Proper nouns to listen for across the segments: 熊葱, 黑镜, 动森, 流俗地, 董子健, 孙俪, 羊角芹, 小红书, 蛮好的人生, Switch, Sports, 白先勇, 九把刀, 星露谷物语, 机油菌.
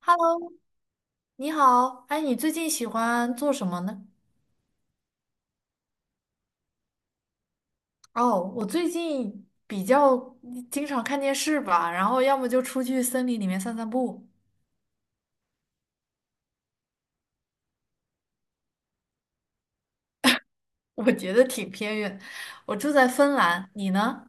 Hello，你好，哎，你最近喜欢做什么呢？哦，我最近比较经常看电视吧，然后要么就出去森林里面散散步。我觉得挺偏远。我住在芬兰，你呢？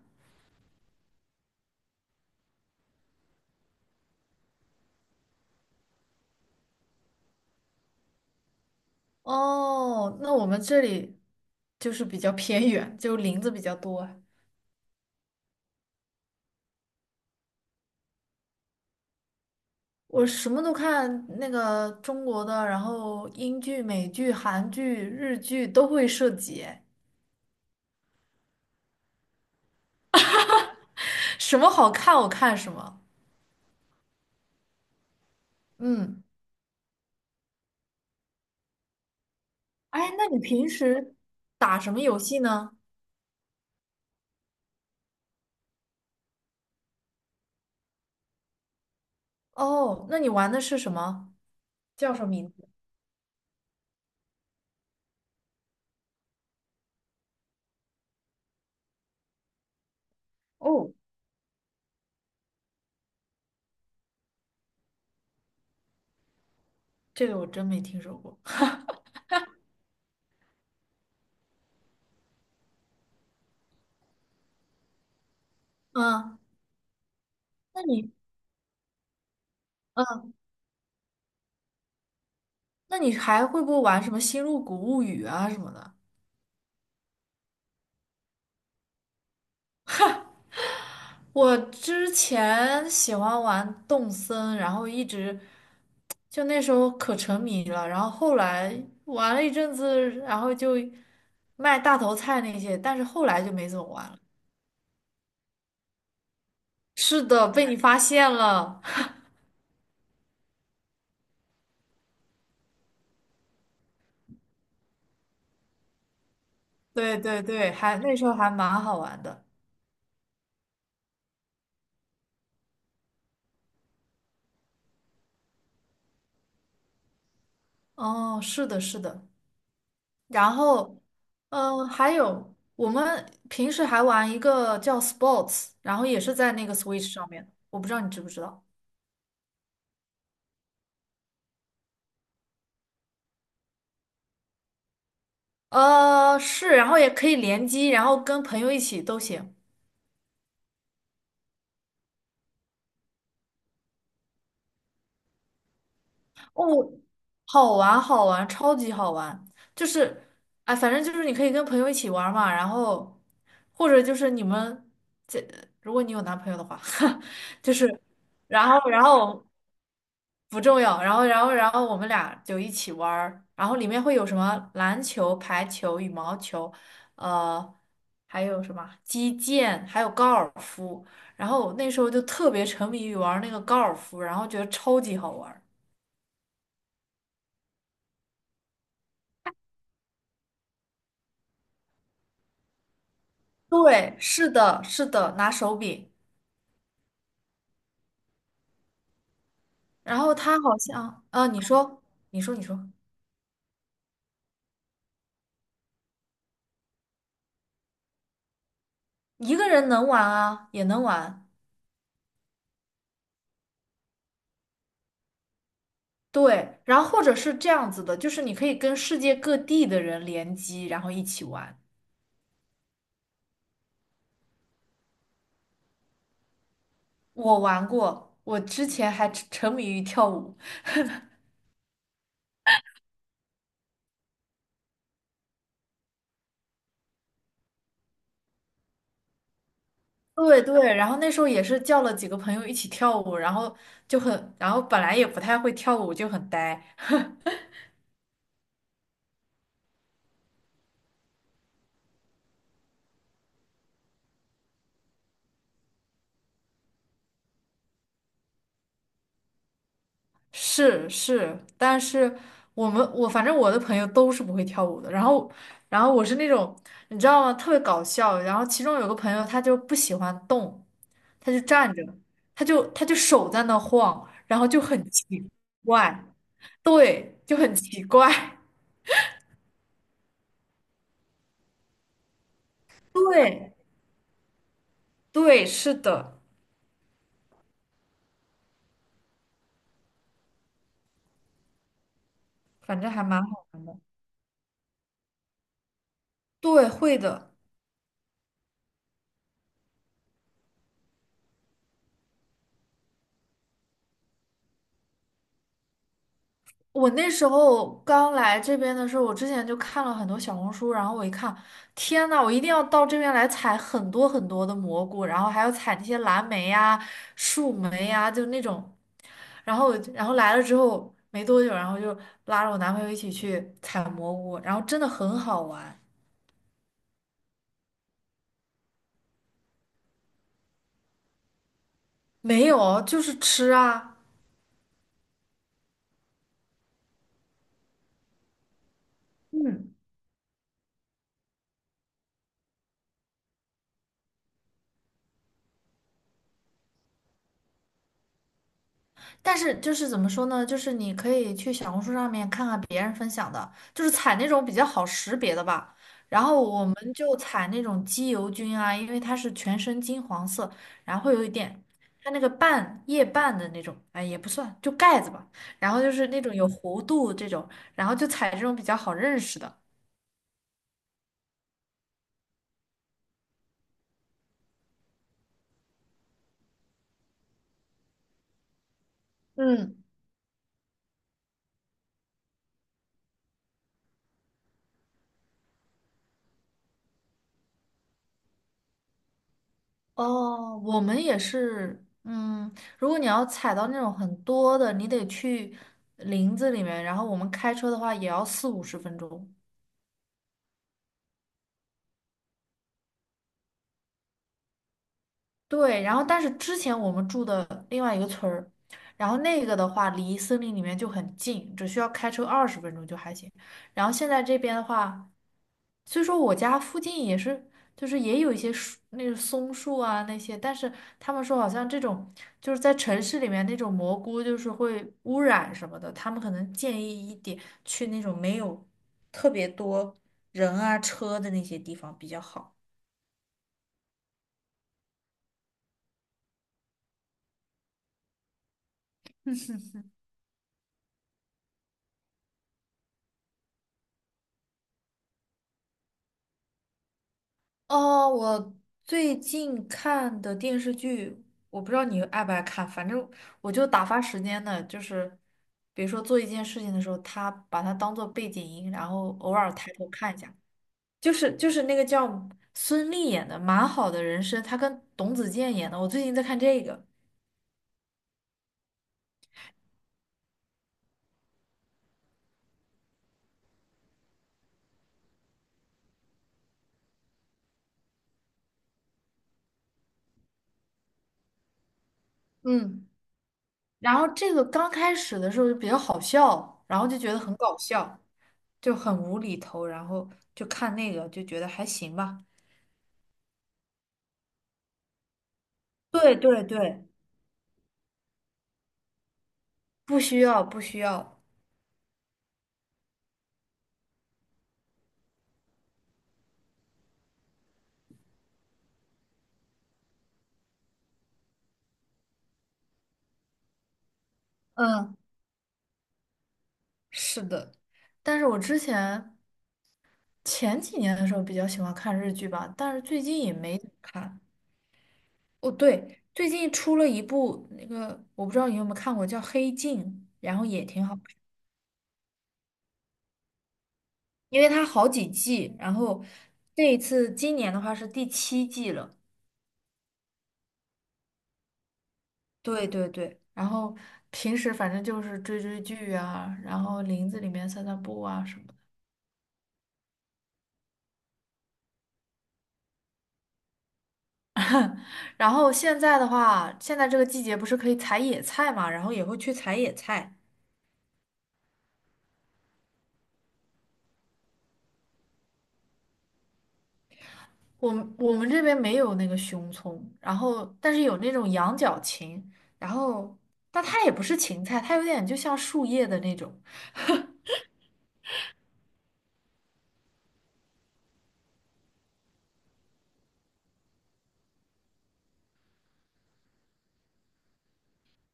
哦，那我们这里就是比较偏远，就林子比较多。我什么都看，那个中国的，然后英剧、美剧、韩剧、日剧都会涉及。什么好看我看什么。嗯。哎，那你平时打什么游戏呢？哦，那你玩的是什么？叫什么名字？哦，这个我真没听说过。嗯，那你，嗯，那你还会不会玩什么《星露谷物语》啊什么的？我之前喜欢玩动森，然后一直就那时候可沉迷了，然后后来玩了一阵子，然后就卖大头菜那些，但是后来就没怎么玩了。是的，被你发现了。对对对，还那时候还蛮好玩的。哦，是的，是的。然后，嗯、还有我们平时还玩一个叫 Sports，然后也是在那个 Switch 上面，我不知道你知不知道。呃，是，然后也可以联机，然后跟朋友一起都行。哦，好玩，好玩，超级好玩。就是，哎，反正就是你可以跟朋友一起玩嘛，然后或者就是你们这，如果你有男朋友的话，就是。然后，然后不重要。然后，然后，然后我们俩就一起玩儿，然后里面会有什么篮球、排球、羽毛球，呃，还有什么击剑，还有高尔夫。然后我那时候就特别沉迷于玩那个高尔夫，然后觉得超级好玩儿。对，是的，是的，拿手柄。然后他好像，啊，你说，你说，你说，一个人能玩啊，也能玩。对，然后或者是这样子的，就是你可以跟世界各地的人联机，然后一起玩。我玩过，我之前还沉迷于跳舞。对对，然后那时候也是叫了几个朋友一起跳舞，然后就很，然后本来也不太会跳舞，就很呆。是是，但是我反正我的朋友都是不会跳舞的，然后然后我是那种你知道吗，特别搞笑。然后其中有个朋友他就不喜欢动，他就站着，他就手在那晃，然后就很奇怪，对，就很奇怪。对。对，是的，反正还蛮好。对，会的。我那时候刚来这边的时候，我之前就看了很多小红书，然后我一看，天呐，我一定要到这边来采很多很多的蘑菇，然后还要采那些蓝莓呀、树莓呀，就那种。然后然后来了之后没多久，然后就拉着我男朋友一起去采蘑菇，然后真的很好玩。没有，就是吃啊。嗯。但是就是怎么说呢？就是你可以去小红书上面看看别人分享的，就是采那种比较好识别的吧。然后我们就采那种机油菌啊，因为它是全身金黄色，然后会有一点它那个瓣叶瓣的那种，哎也不算，就盖子吧。然后就是那种有弧度这种，然后就采这种比较好认识的。嗯。哦，我们也是，嗯，如果你要采到那种很多的，你得去林子里面，然后我们开车的话也要40到50分钟。对，然后但是之前我们住的另外一个村儿，然后那个的话离森林里面就很近，只需要开车20分钟就还行。然后现在这边的话，虽说我家附近也是，就是也有一些树，那个松树啊那些，但是他们说好像这种就是在城市里面那种蘑菇就是会污染什么的，他们可能建议一点去那种没有特别多人啊车的那些地方比较好。哦，我最近看的电视剧，我不知道你爱不爱看，反正我就打发时间的，就是比如说做一件事情的时候，他把它当做背景音，然后偶尔抬头看一下。就是那个叫孙俪演的《蛮好的人生》，她跟董子健演的，我最近在看这个。嗯，然后这个刚开始的时候就比较好笑，然后就觉得很搞笑，就很无厘头，然后就看那个就觉得还行吧。对对对，不需要，不需要。嗯，是的，但是我之前前几年的时候比较喜欢看日剧吧，但是最近也没怎么看。哦，对，最近出了一部那个，我不知道你有没有看过，叫《黑镜》，然后也挺好看，因为它好几季，然后这一次今年的话是第7季了。对对对，然后平时反正就是追追剧啊，然后林子里面散散步啊什么的。然后现在的话，现在这个季节不是可以采野菜嘛，然后也会去采野菜。我们这边没有那个熊葱，然后但是有那种羊角芹，然后但它也不是芹菜，它有点就像树叶的那种。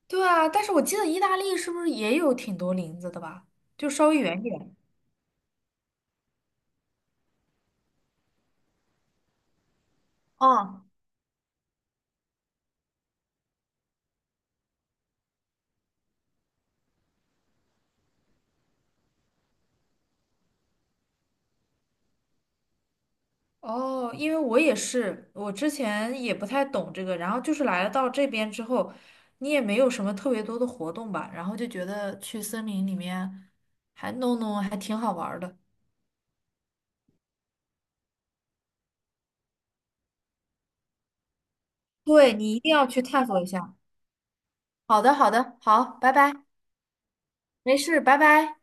对啊，但是我记得意大利是不是也有挺多林子的吧？就稍微远一点。哦，哦，因为我也是，我之前也不太懂这个，然后就是来了到这边之后，你也没有什么特别多的活动吧，然后就觉得去森林里面还弄弄还挺好玩儿的。对，你一定要去探索一下。好的，好的，好，拜拜，没事，拜拜。